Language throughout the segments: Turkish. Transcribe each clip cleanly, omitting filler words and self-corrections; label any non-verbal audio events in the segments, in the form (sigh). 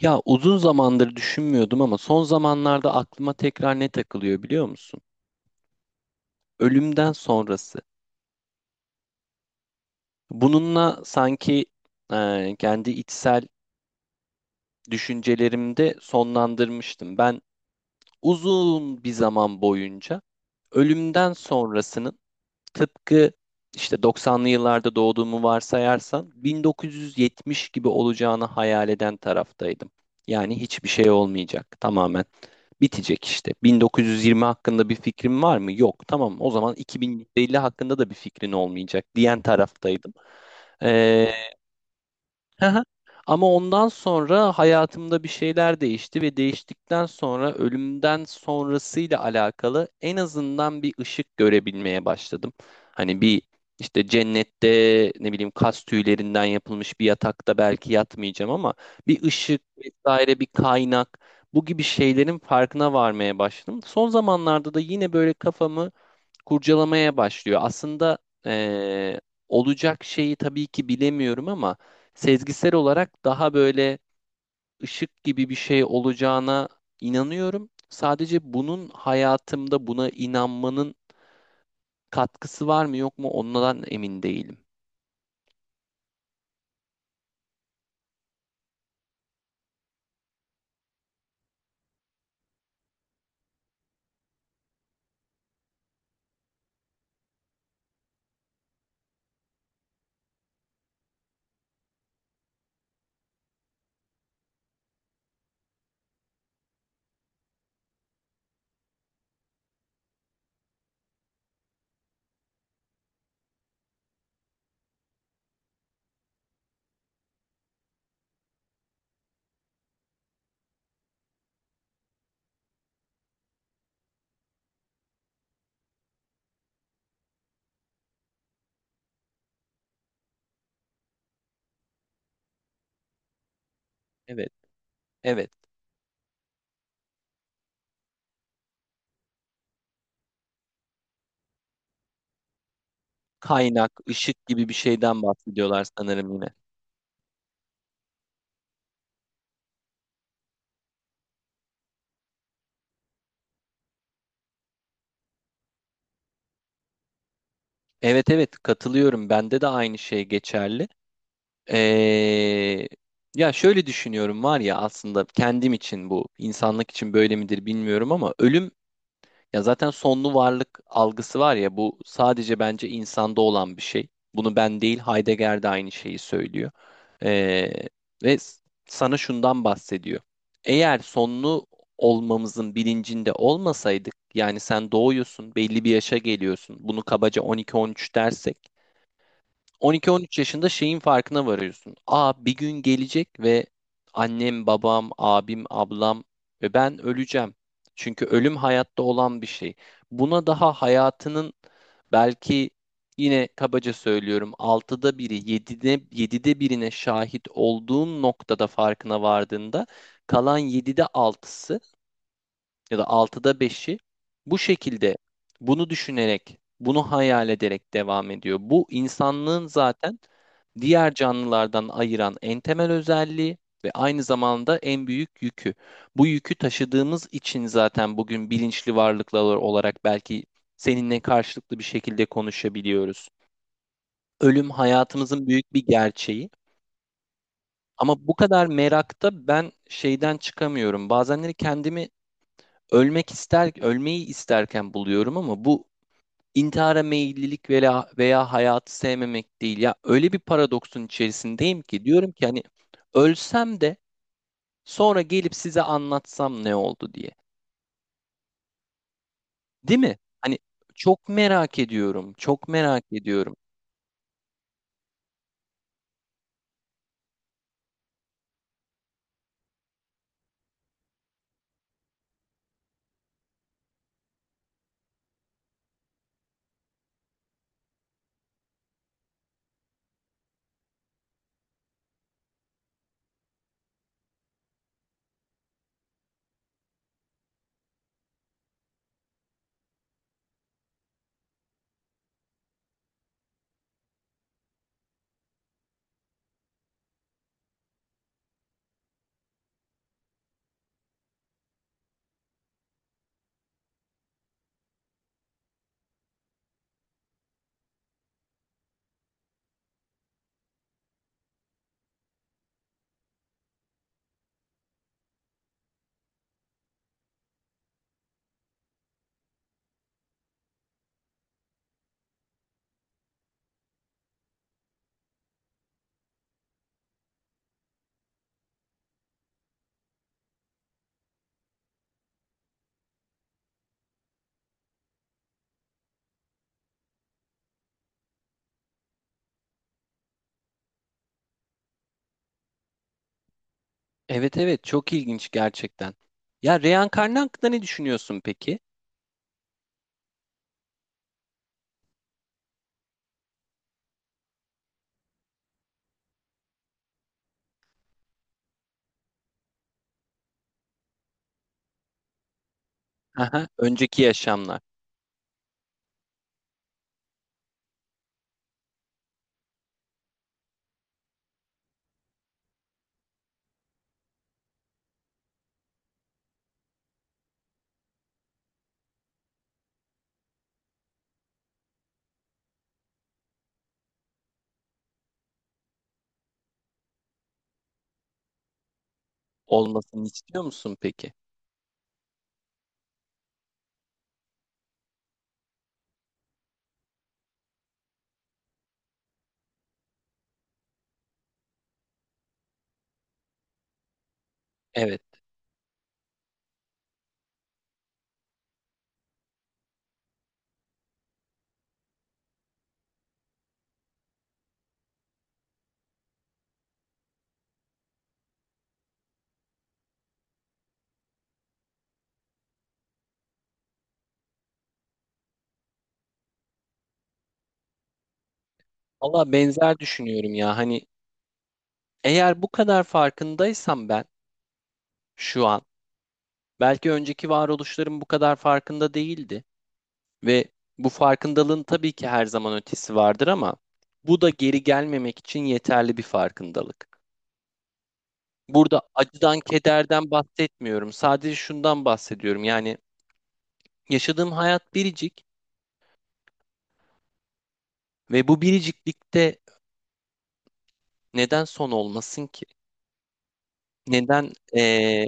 Ya uzun zamandır düşünmüyordum ama son zamanlarda aklıma tekrar ne takılıyor biliyor musun? Ölümden sonrası. Bununla sanki kendi içsel düşüncelerimde sonlandırmıştım. Ben uzun bir zaman boyunca ölümden sonrasının tıpkı işte 90'lı yıllarda doğduğumu varsayarsan 1970 gibi olacağını hayal eden taraftaydım. Yani hiçbir şey olmayacak. Tamamen bitecek işte. 1920 hakkında bir fikrin var mı? Yok. Tamam, o zaman 2150 hakkında da bir fikrin olmayacak diyen taraftaydım. Ee, Aha. Ama ondan sonra hayatımda bir şeyler değişti ve değiştikten sonra ölümden sonrasıyla alakalı en azından bir ışık görebilmeye başladım. Hani bir işte cennette ne bileyim kas tüylerinden yapılmış bir yatakta belki yatmayacağım ama bir ışık vesaire bir kaynak, bu gibi şeylerin farkına varmaya başladım. Son zamanlarda da yine böyle kafamı kurcalamaya başlıyor. Aslında eee, olacak şeyi tabii ki bilemiyorum ama sezgisel olarak daha böyle ışık gibi bir şey olacağına inanıyorum. Sadece bunun hayatımda, buna inanmanın katkısı var mı yok mu ondan emin değilim. Evet, evet. Kaynak, ışık gibi bir şeyden bahsediyorlar sanırım yine. Evet, evet, katılıyorum. Bende de aynı şey geçerli. Ee, Ya şöyle düşünüyorum, var ya, aslında kendim için bu, insanlık için böyle midir bilmiyorum ama ölüm, ya zaten sonlu varlık algısı, var ya, bu sadece bence insanda olan bir şey. Bunu ben değil, Heidegger de aynı şeyi söylüyor. Ee, Ve sana şundan bahsediyor. Eğer sonlu olmamızın bilincinde olmasaydık, yani sen doğuyorsun, belli bir yaşa geliyorsun, bunu kabaca 12-13 dersek, 12-13 yaşında şeyin farkına varıyorsun. Aa, bir gün gelecek ve annem, babam, abim, ablam ve ben öleceğim. Çünkü ölüm hayatta olan bir şey. Buna daha hayatının, belki yine kabaca söylüyorum, altıda biri, yedide birine şahit olduğun noktada, farkına vardığında kalan yedide altısı ya da altıda beşi bu şekilde, bunu düşünerek, bunu hayal ederek devam ediyor. Bu insanlığın zaten diğer canlılardan ayıran en temel özelliği ve aynı zamanda en büyük yükü. Bu yükü taşıdığımız için zaten bugün bilinçli varlıklar olarak belki seninle karşılıklı bir şekilde konuşabiliyoruz. Ölüm hayatımızın büyük bir gerçeği. Ama bu kadar merakta ben şeyden çıkamıyorum. Bazenleri kendimi ölmek ister, ölmeyi isterken buluyorum ama bu intihara meyillilik veya hayatı sevmemek değil. Ya öyle bir paradoksun içerisindeyim ki, diyorum ki, hani ölsem de sonra gelip size anlatsam ne oldu diye. Değil mi? Hani çok merak ediyorum. Çok merak ediyorum. Evet, evet, çok ilginç gerçekten. Ya reenkarnı hakkında ne düşünüyorsun peki? Aha, önceki yaşamlar. Olmasını istiyor musun peki? Evet. Valla benzer düşünüyorum ya. Hani eğer bu kadar farkındaysam ben şu an, belki önceki varoluşlarım bu kadar farkında değildi ve bu farkındalığın tabii ki her zaman ötesi vardır ama bu da geri gelmemek için yeterli bir farkındalık. Burada acıdan, kederden bahsetmiyorum. Sadece şundan bahsediyorum. Yani yaşadığım hayat biricik ve bu biriciklikte neden son olmasın ki? Neden?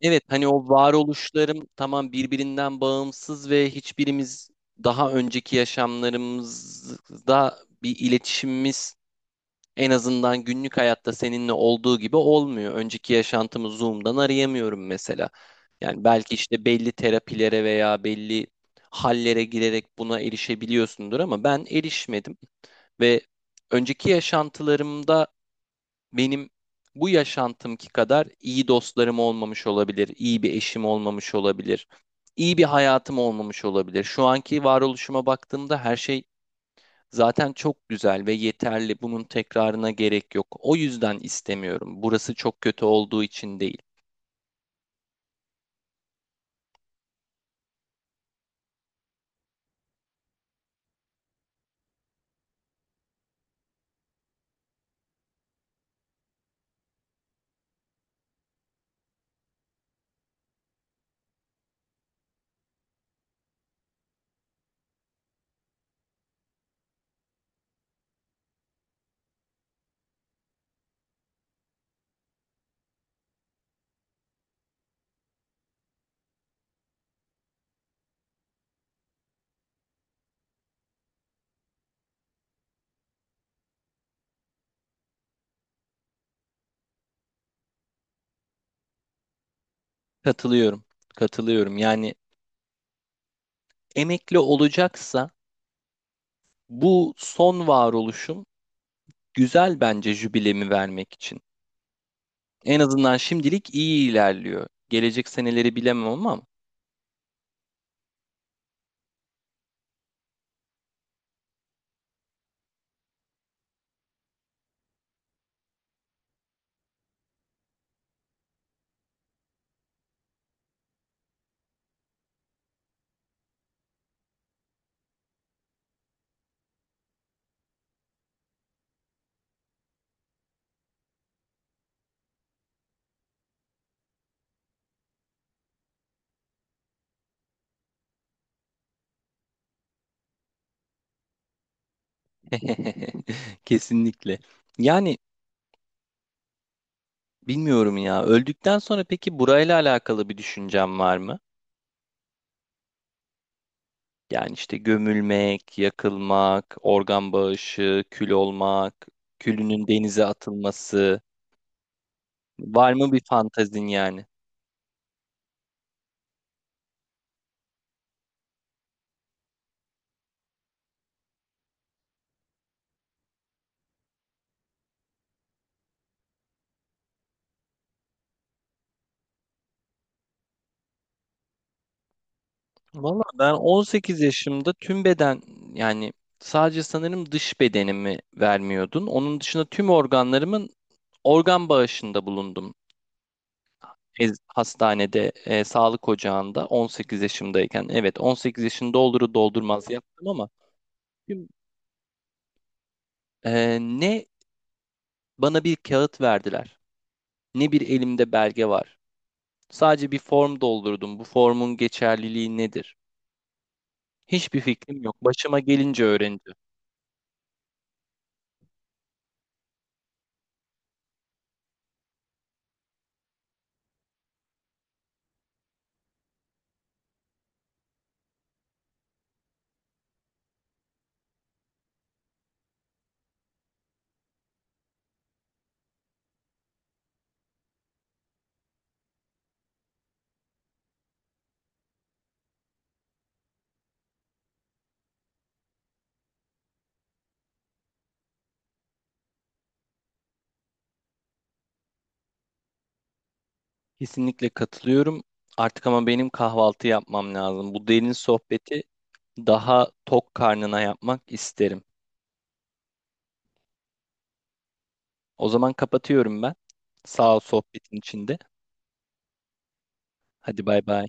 Evet, hani o varoluşlarım tamam, birbirinden bağımsız ve hiçbirimiz daha önceki yaşamlarımızda bir iletişimimiz, en azından günlük hayatta seninle olduğu gibi olmuyor. Önceki yaşantımı Zoom'dan arayamıyorum mesela. Yani belki işte belli terapilere veya belli hallere girerek buna erişebiliyorsundur ama ben erişmedim ve önceki yaşantılarımda benim bu yaşantımki kadar iyi dostlarım olmamış olabilir, iyi bir eşim olmamış olabilir, iyi bir hayatım olmamış olabilir. Şu anki varoluşuma baktığımda her şey zaten çok güzel ve yeterli. Bunun tekrarına gerek yok. O yüzden istemiyorum. Burası çok kötü olduğu için değil. Katılıyorum, katılıyorum. Yani emekli olacaksa bu son varoluşum, güzel bence jübilemi vermek için. En azından şimdilik iyi ilerliyor. Gelecek seneleri bilemem ama (laughs) kesinlikle. Yani bilmiyorum ya. Öldükten sonra peki burayla alakalı bir düşüncem var mı? Yani işte gömülmek, yakılmak, organ bağışı, kül olmak, külünün denize atılması. Var mı bir fantazin yani? Valla ben 18 yaşımda tüm beden, yani sadece sanırım dış bedenimi vermiyordun. Onun dışında tüm organlarımın organ bağışında bulundum. Hastanede, sağlık ocağında 18 yaşımdayken, evet, 18 yaşını doldurur doldurmaz yaptım ama tüm- ne bana bir kağıt verdiler, ne bir elimde belge var. Sadece bir form doldurdum. Bu formun geçerliliği nedir? Hiçbir fikrim yok. Başıma gelince öğreneceğim. Kesinlikle katılıyorum. Artık ama benim kahvaltı yapmam lazım. Bu derin sohbeti daha tok karnına yapmak isterim. O zaman kapatıyorum ben. Sağ ol sohbetin içinde. Hadi bay bay.